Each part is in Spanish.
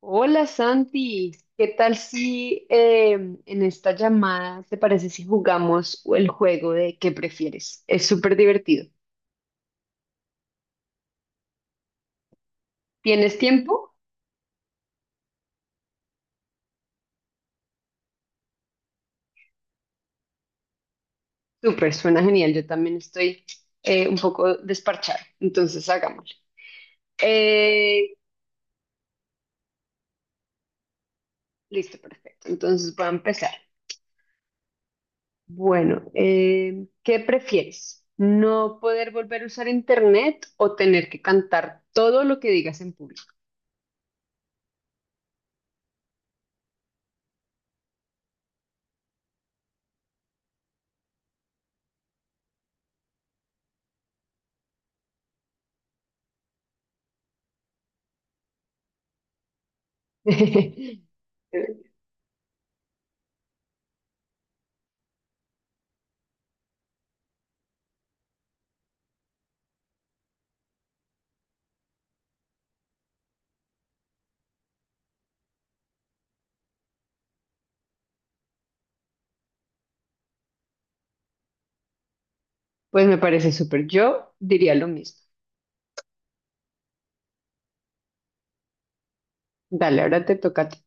Hola Santi, ¿qué tal si en esta llamada te parece si jugamos el juego de qué prefieres? Es súper divertido. ¿Tienes tiempo? Súper, suena genial. Yo también estoy un poco desparchada, entonces hagámoslo. Eh, listo, perfecto. Entonces voy a empezar. Bueno, ¿qué prefieres? ¿No poder volver a usar internet o tener que cantar todo lo que digas en público? Pues me parece súper. Yo diría lo mismo. Dale, ahora te toca a ti.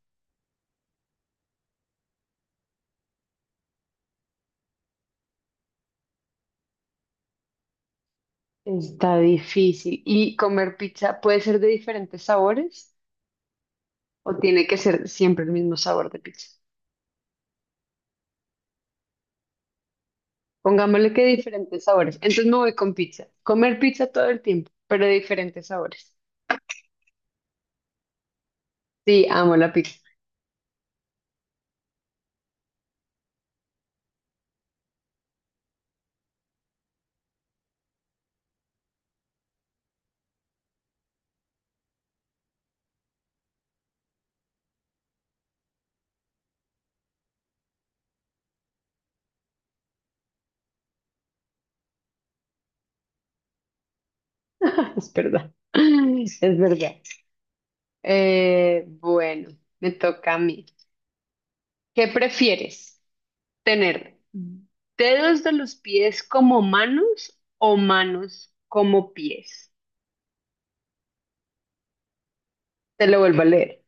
Está difícil. ¿Y comer pizza puede ser de diferentes sabores o tiene que ser siempre el mismo sabor de pizza? Pongámosle que diferentes sabores. Entonces me voy con pizza. Comer pizza todo el tiempo, pero de diferentes sabores. Sí, amo la pizza. Es verdad. Es verdad. Bueno, me toca a mí. ¿Qué prefieres? Tener dedos de los pies como manos o manos como pies. Te lo vuelvo a leer.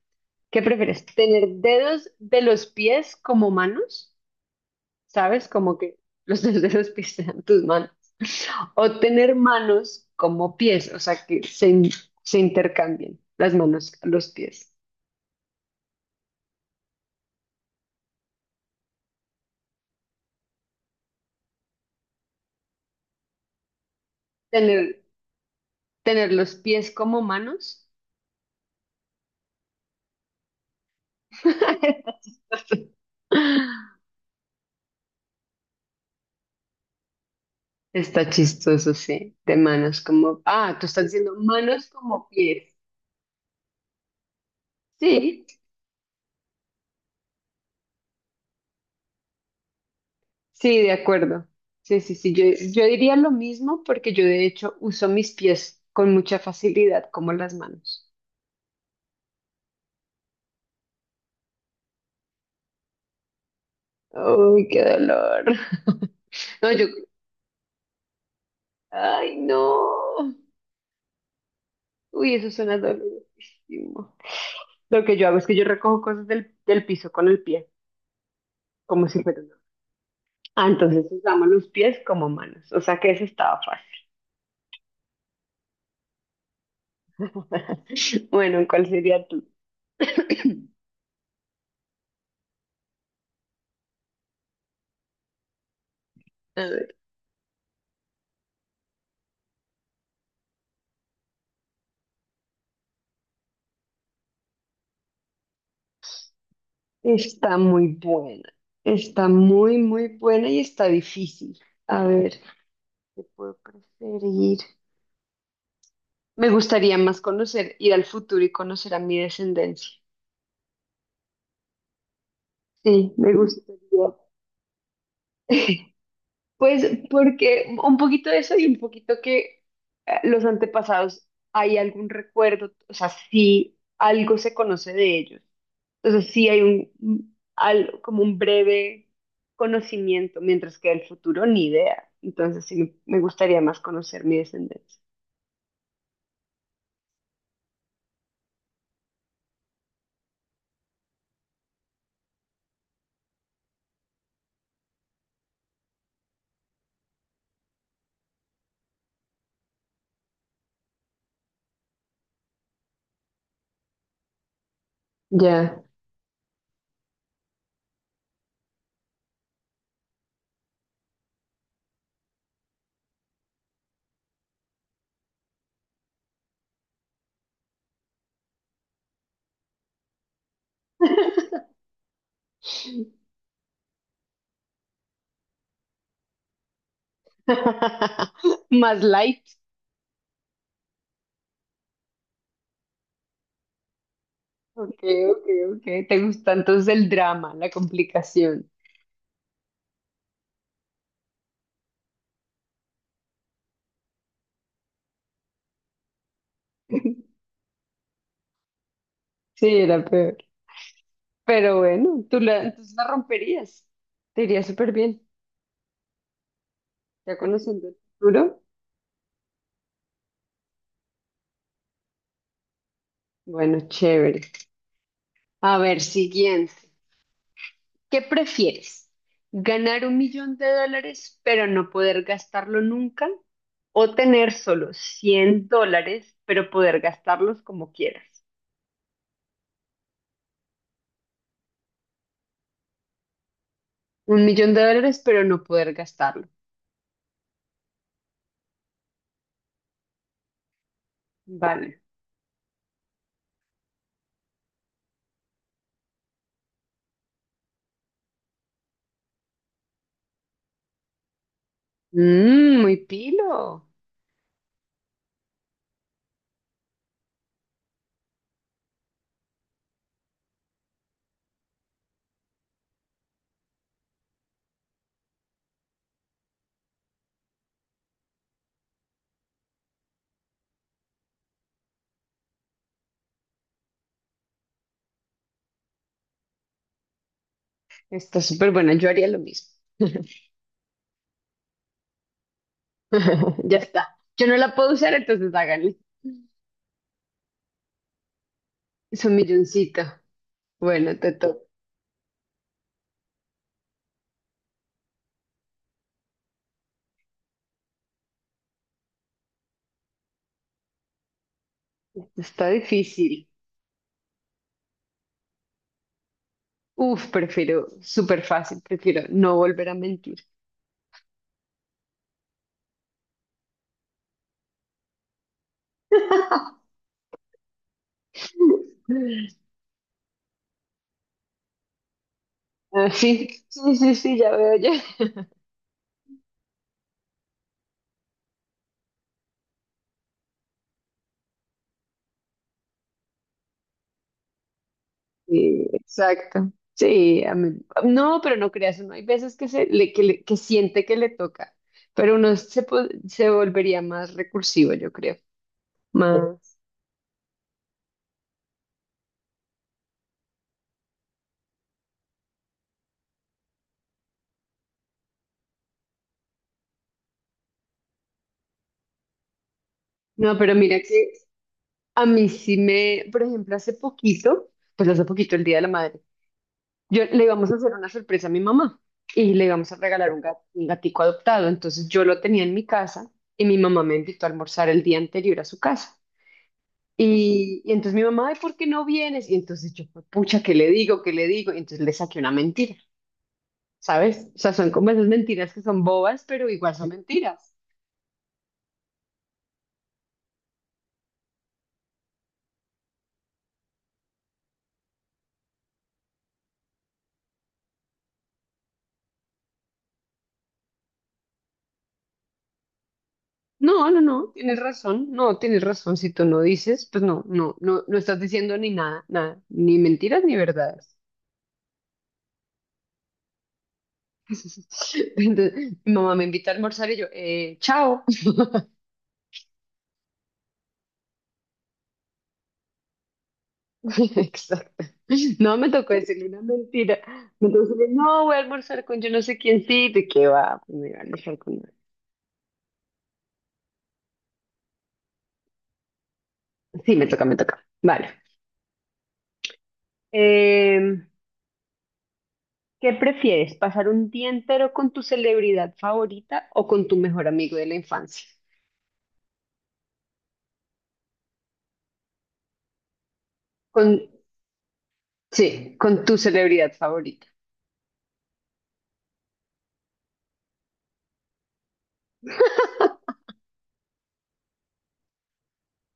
¿Qué prefieres? ¿Tener dedos de los pies como manos? ¿Sabes? Como que los dedos de los pies sean tus manos. O tener manos como pies, o sea, que se intercambien las manos a los pies. Tener, tener los pies como manos. Está chistoso. Está chistoso, sí, de manos como... Ah, tú estás diciendo manos como pies. Sí, sí, de acuerdo. Sí, sí, sí, yo diría lo mismo porque yo de hecho uso mis pies con mucha facilidad como las manos. Uy, qué dolor. No, yo... Ay, no. Uy, eso suena dolorísimo. Lo que yo hago es que yo recojo cosas del piso con el pie, como si fuera una... Ah, entonces usamos los pies como manos, o sea que eso estaba fácil. Bueno, ¿cuál sería tú? A ver, está muy buena. Está muy, muy buena y está difícil. A ver, ¿qué puedo preferir? Me gustaría más conocer, ir al futuro y conocer a mi descendencia. Sí, me gustaría. Pues porque un poquito de eso y un poquito que los antepasados, hay algún recuerdo, o sea, sí, algo se conoce de ellos. Entonces sí hay como un breve conocimiento, mientras que el futuro ni idea. Entonces sí me gustaría más conocer mi descendencia. Ya. Más light. Ok, ok, ok. Te gusta entonces el drama, la complicación. Sí, era peor. Pero bueno, tú la, entonces la romperías. Te iría súper bien. Ya conociendo el futuro. Bueno, chévere. A ver, siguiente. ¿Qué prefieres? ¿Ganar 1 millón de dólares pero no poder gastarlo nunca? ¿O tener solo $100 pero poder gastarlos como quieras? 1 millón de dólares pero no poder gastarlo. Vale. Mm, muy pilo. Está súper buena. Yo haría lo mismo. Ya está. Yo no la puedo usar, entonces háganle. Es un milloncito. Bueno, te toca. Está difícil. Uf, prefiero, súper fácil, prefiero no volver a mentir. Ah, sí, sí, sí, sí, ya veo ya. Sí, exacto. Sí, a mí... No, pero no creas, uno hay veces que, se, le- que siente que le toca, pero uno se volvería más recursivo, yo creo. Más. No, pero mira que a mí sí, por ejemplo, hace poquito, pues hace poquito el Día de la Madre, yo le íbamos a hacer una sorpresa a mi mamá y le íbamos a regalar un gatico adoptado, entonces yo lo tenía en mi casa y mi mamá me invitó a almorzar el día anterior a su casa. Y entonces mi mamá, "Ay, ¿por qué no vienes?" Y entonces yo, pucha, ¿qué le digo? ¿Qué le digo? Y entonces le saqué una mentira, ¿sabes? O sea, son como esas mentiras que son bobas, pero igual son mentiras. No, no, no, tienes razón, no, tienes razón. Si tú no dices, pues no, no, no, no estás diciendo ni nada, nada, ni mentiras ni verdades. Entonces, mi mamá me invita a almorzar y yo, chao. Exacto. No, me tocó decirle una mentira. Me tocó decirle, no, voy a almorzar con yo no sé quién sí, ¿de qué va? Pues me iba a almorzar con... Sí, me toca, me toca. Vale. Em, ¿Qué prefieres? ¿Pasar un día entero con tu celebridad favorita o con tu mejor amigo de la infancia? Con, sí, con tu celebridad favorita.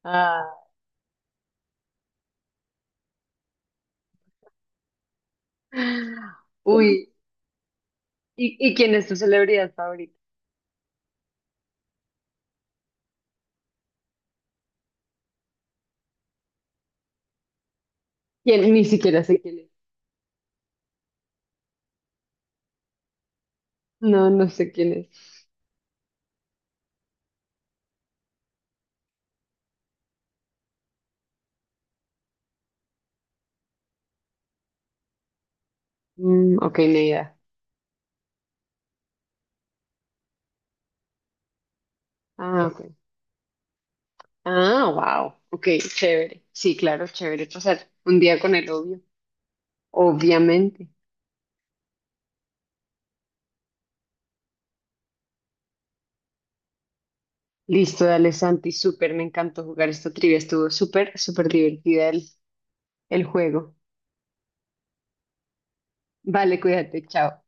Ah. Uy, ¿y quién es tu celebridad favorita? ¿Quién? Ni siquiera sé quién es. No, no sé quién es. Mm, ok, ni idea. Ah, ok. Ah, wow. Ok, chévere. Sí, claro, chévere pasar un día con el obvio. Obviamente. Listo, dale Santi, súper, me encantó jugar esta trivia, estuvo súper, súper divertida el juego. Vale, cuídate, chao.